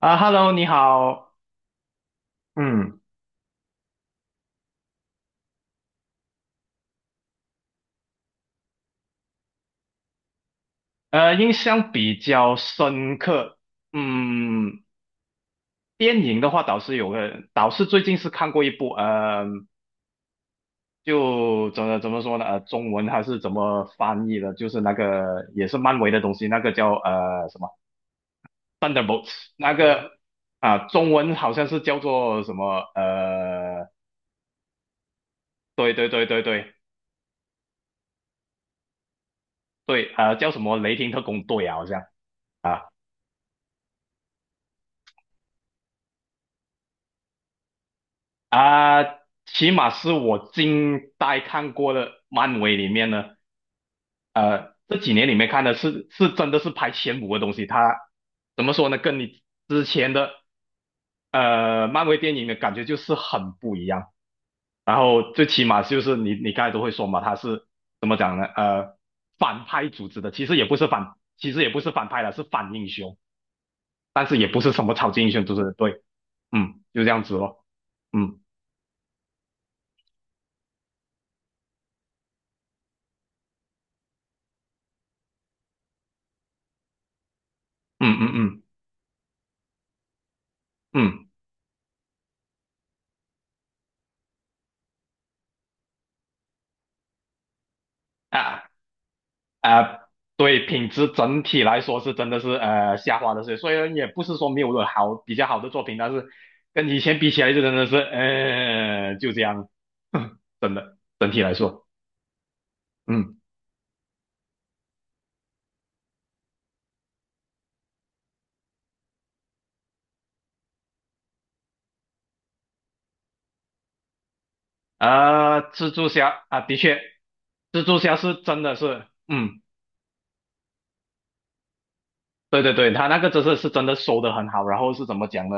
啊，Hello，你好。嗯印象比较深刻，嗯，电影的话倒是有个，倒是最近是看过一部，就怎么说呢？呃，中文还是怎么翻译的？就是那个也是漫威的东西，那个叫什么《Thunderbolts》，那个中文好像是叫做什么？呃，对对对对对对，呃，叫什么《雷霆特工队》啊，好像。啊啊、起码是我近代看过的漫威里面呢，呃，这几年里面看的是真的是排前五的东西。它怎么说呢？跟你之前的漫威电影的感觉就是很不一样。然后最起码就是你刚才都会说嘛，它是怎么讲呢？呃，反派组织的，其实也不是反，其实也不是反派了，是反英雄，但是也不是什么超级英雄组织的。对，嗯，就这样子咯。嗯嗯嗯嗯嗯。啊啊，对，品质整体来说是真的是下滑的，所以也不是说没有了好比较好的作品，但是跟以前比起来就真的是就这样。真的整体来说，嗯，啊，蜘蛛侠啊，的确，蜘蛛侠是真的是嗯。对对对，他那个是真的收的很好，然后是怎么讲呢？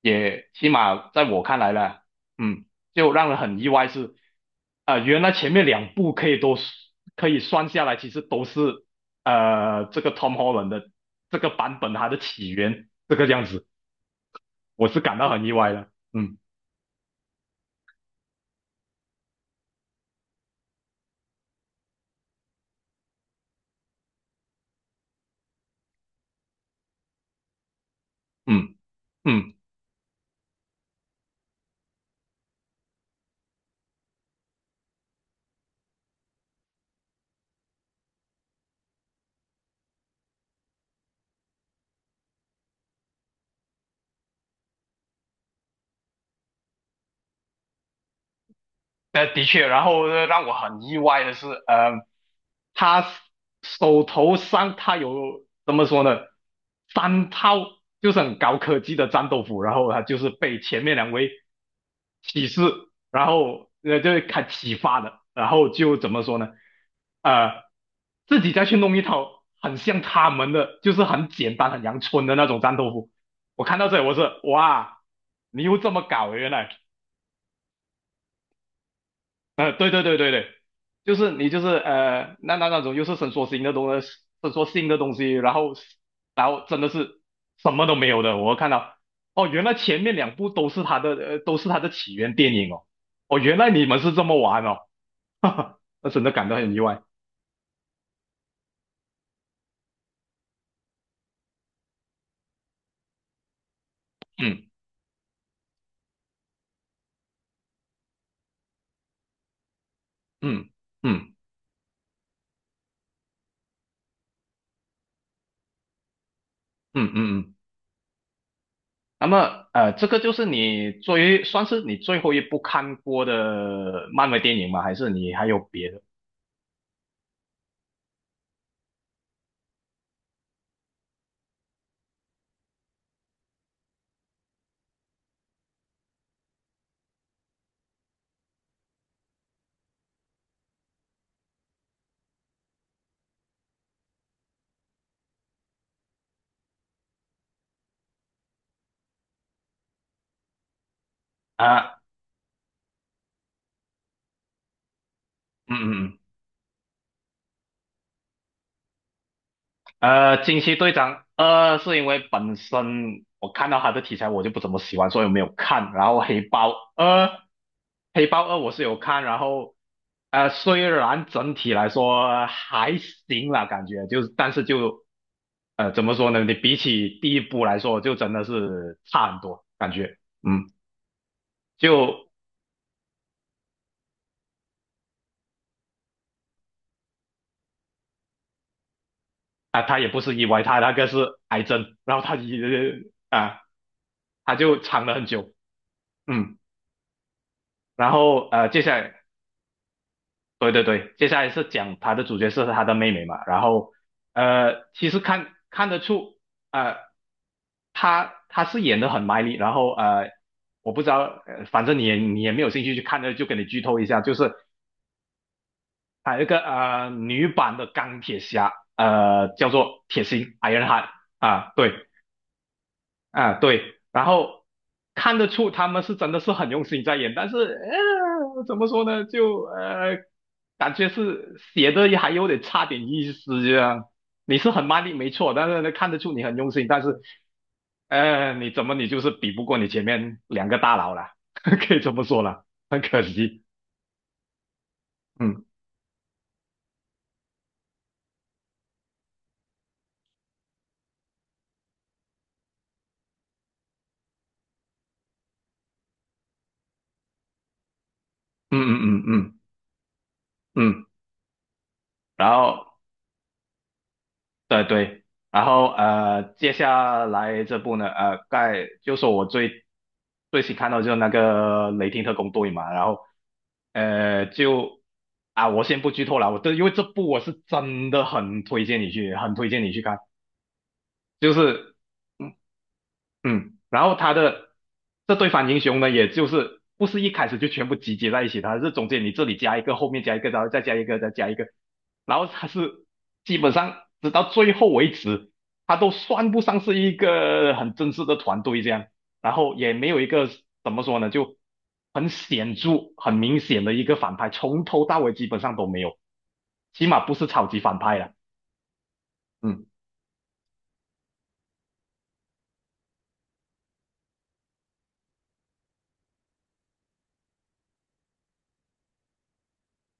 也起码在我看来呢，嗯，就让人很意外是，原来前面两部都可以算下来，其实都是这个 Tom Holland 的这个版本它的起源这个样子，我是感到很意外的，嗯嗯嗯。呃，的确，然后呢让我很意外的是，呃，他手头上他有怎么说呢？三套就是很高科技的战斗服，然后他就是被前面两位启示，然后就是开启发的，然后就怎么说呢？呃，自己再去弄一套很像他们的，就是很简单很阳春的那种战斗服。我看到这里，我是哇，你又这么搞，原来。呃，对对对对对，就是你就是呃，那那种就是伸缩性的东西，伸缩性的东西，然后然后真的是什么都没有的。我看到哦，原来前面两部都是他的都是他的起源电影哦。哦，原来你们是这么玩哦，哈哈，那真的感到很意外。嗯嗯嗯嗯嗯嗯。那么呃，这个就是你最算是你最后一部看过的漫威电影吗？还是你还有别的啊？嗯嗯嗯呃，惊奇队长二是因为本身我看到他的题材我就不怎么喜欢，所以我没有看。然后黑豹二，黑豹二我是有看，然后呃，虽然整体来说还行啦，感觉就是，但是就呃怎么说呢？你比起第一部来说，就真的是差很多，感觉嗯，就他也不是意外，他那个是癌症，然后他一他就藏了很久，嗯。然后呃，接下来对对对，接下来是讲他的主角是他的妹妹嘛，然后呃，其实看看得出，呃，他是演的很卖力，然后呃，我不知道，呃反正你也没有兴趣去看的，就给你剧透一下，就是他有一个女版的钢铁侠，呃，叫做铁心 Ironheart。 啊，对，啊，对，然后看得出他们是真的是很用心在演，但是呃，怎么说呢，就呃，感觉是写的还有点差点意思这样。你是很卖力没错，但是呢，看得出你很用心，但是呃，你怎么你就是比不过你前面两个大佬啦，可以这么说啦，很可惜。嗯嗯嗯嗯嗯嗯，嗯然后。对对，然后呃，接下来这部呢，呃，盖就说我最新看到就是那个雷霆特工队嘛，然后呃，就啊，我先不剧透了，我这因为这部我是真的很推荐你去，很推荐你去看，就是。嗯。嗯，然后他的这对反英雄呢，也就是不是一开始就全部集结在一起，他是中间你这里加一个，后面加一个，然后再加一个，再加一个，然后他是基本上直到最后为止，他都算不上是一个很正式的团队这样，然后也没有一个怎么说呢，就很显著、很明显的一个反派，从头到尾基本上都没有，起码不是超级反派了。嗯。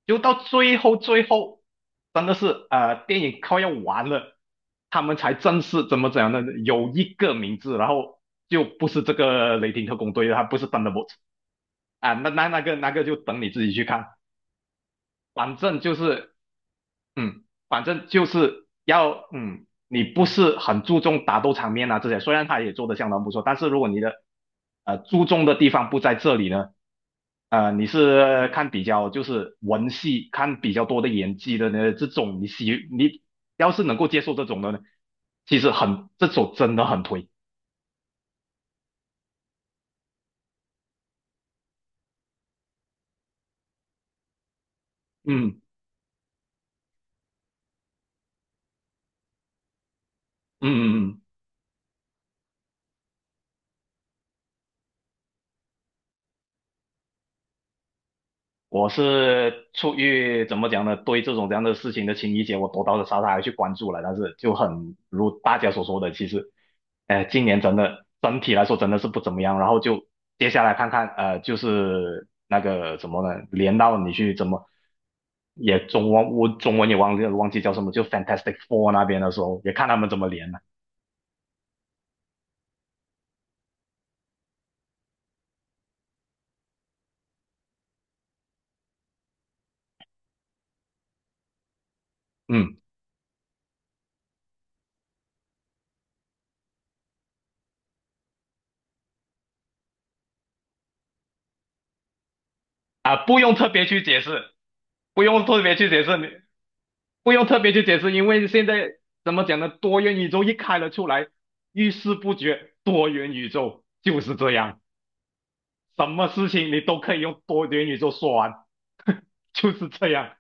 就到最后，真的是呃，电影快要完了，他们才正式怎样呢？有一个名字，然后就不是这个雷霆特工队了，他不是 Thunderbolt。 啊，那那个那个就等你自己去看，反正就是嗯，反正就是要，嗯，你不是很注重打斗场面啊这些，虽然他也做的相当不错，但是如果你的注重的地方不在这里呢，呃，你是看比较就是文戏，看比较多的演技的呢，这种你喜你要是能够接受这种的呢，其实很这种真的很推，嗯嗯嗯嗯，我是出于怎么讲呢，对这种这样的事情的情理解，我多多少少还去关注了，但是就很如大家所说的，其实。呃，今年真的整体来说真的是不怎么样，然后就接下来看看，呃，就是那个怎么呢，连到你去怎么也中文我中文也忘记叫什么，就 Fantastic Four 那边的时候，也看他们怎么连了。嗯啊，不用特别去解释，不用特别去解释，你不用特别去解释，因为现在怎么讲呢，多元宇宙一开了出来，遇事不决，多元宇宙就是这样。什么事情你都可以用多元宇宙说完，就是这样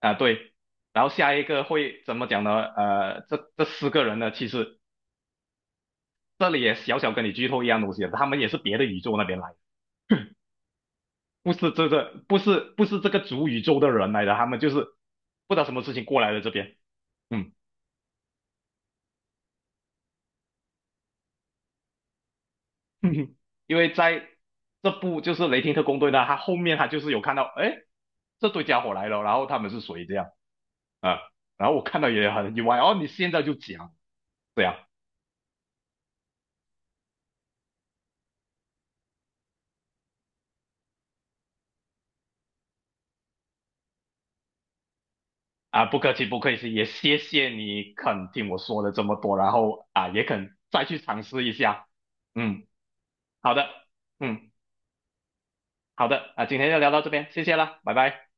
啊，对。然后下一个会怎么讲呢？呃，这四个人呢，其实这里也小小跟你剧透一样东西，他们也是别的宇宙那边来的，不是这个，不是这个主宇宙的人来的，他们就是不知道什么事情过来了这边，嗯，因为在这部就是雷霆特工队呢，他后面他就是有看到，哎，这对家伙来了，然后他们是谁这样啊？然后我看到也很意外，哦，你现在就讲，对啊，啊，不客气，不客气，也谢谢你肯听我说了这么多，然后啊，也肯再去尝试一下。嗯，好的，嗯，好的，啊，今天就聊到这边，谢谢啦，拜拜。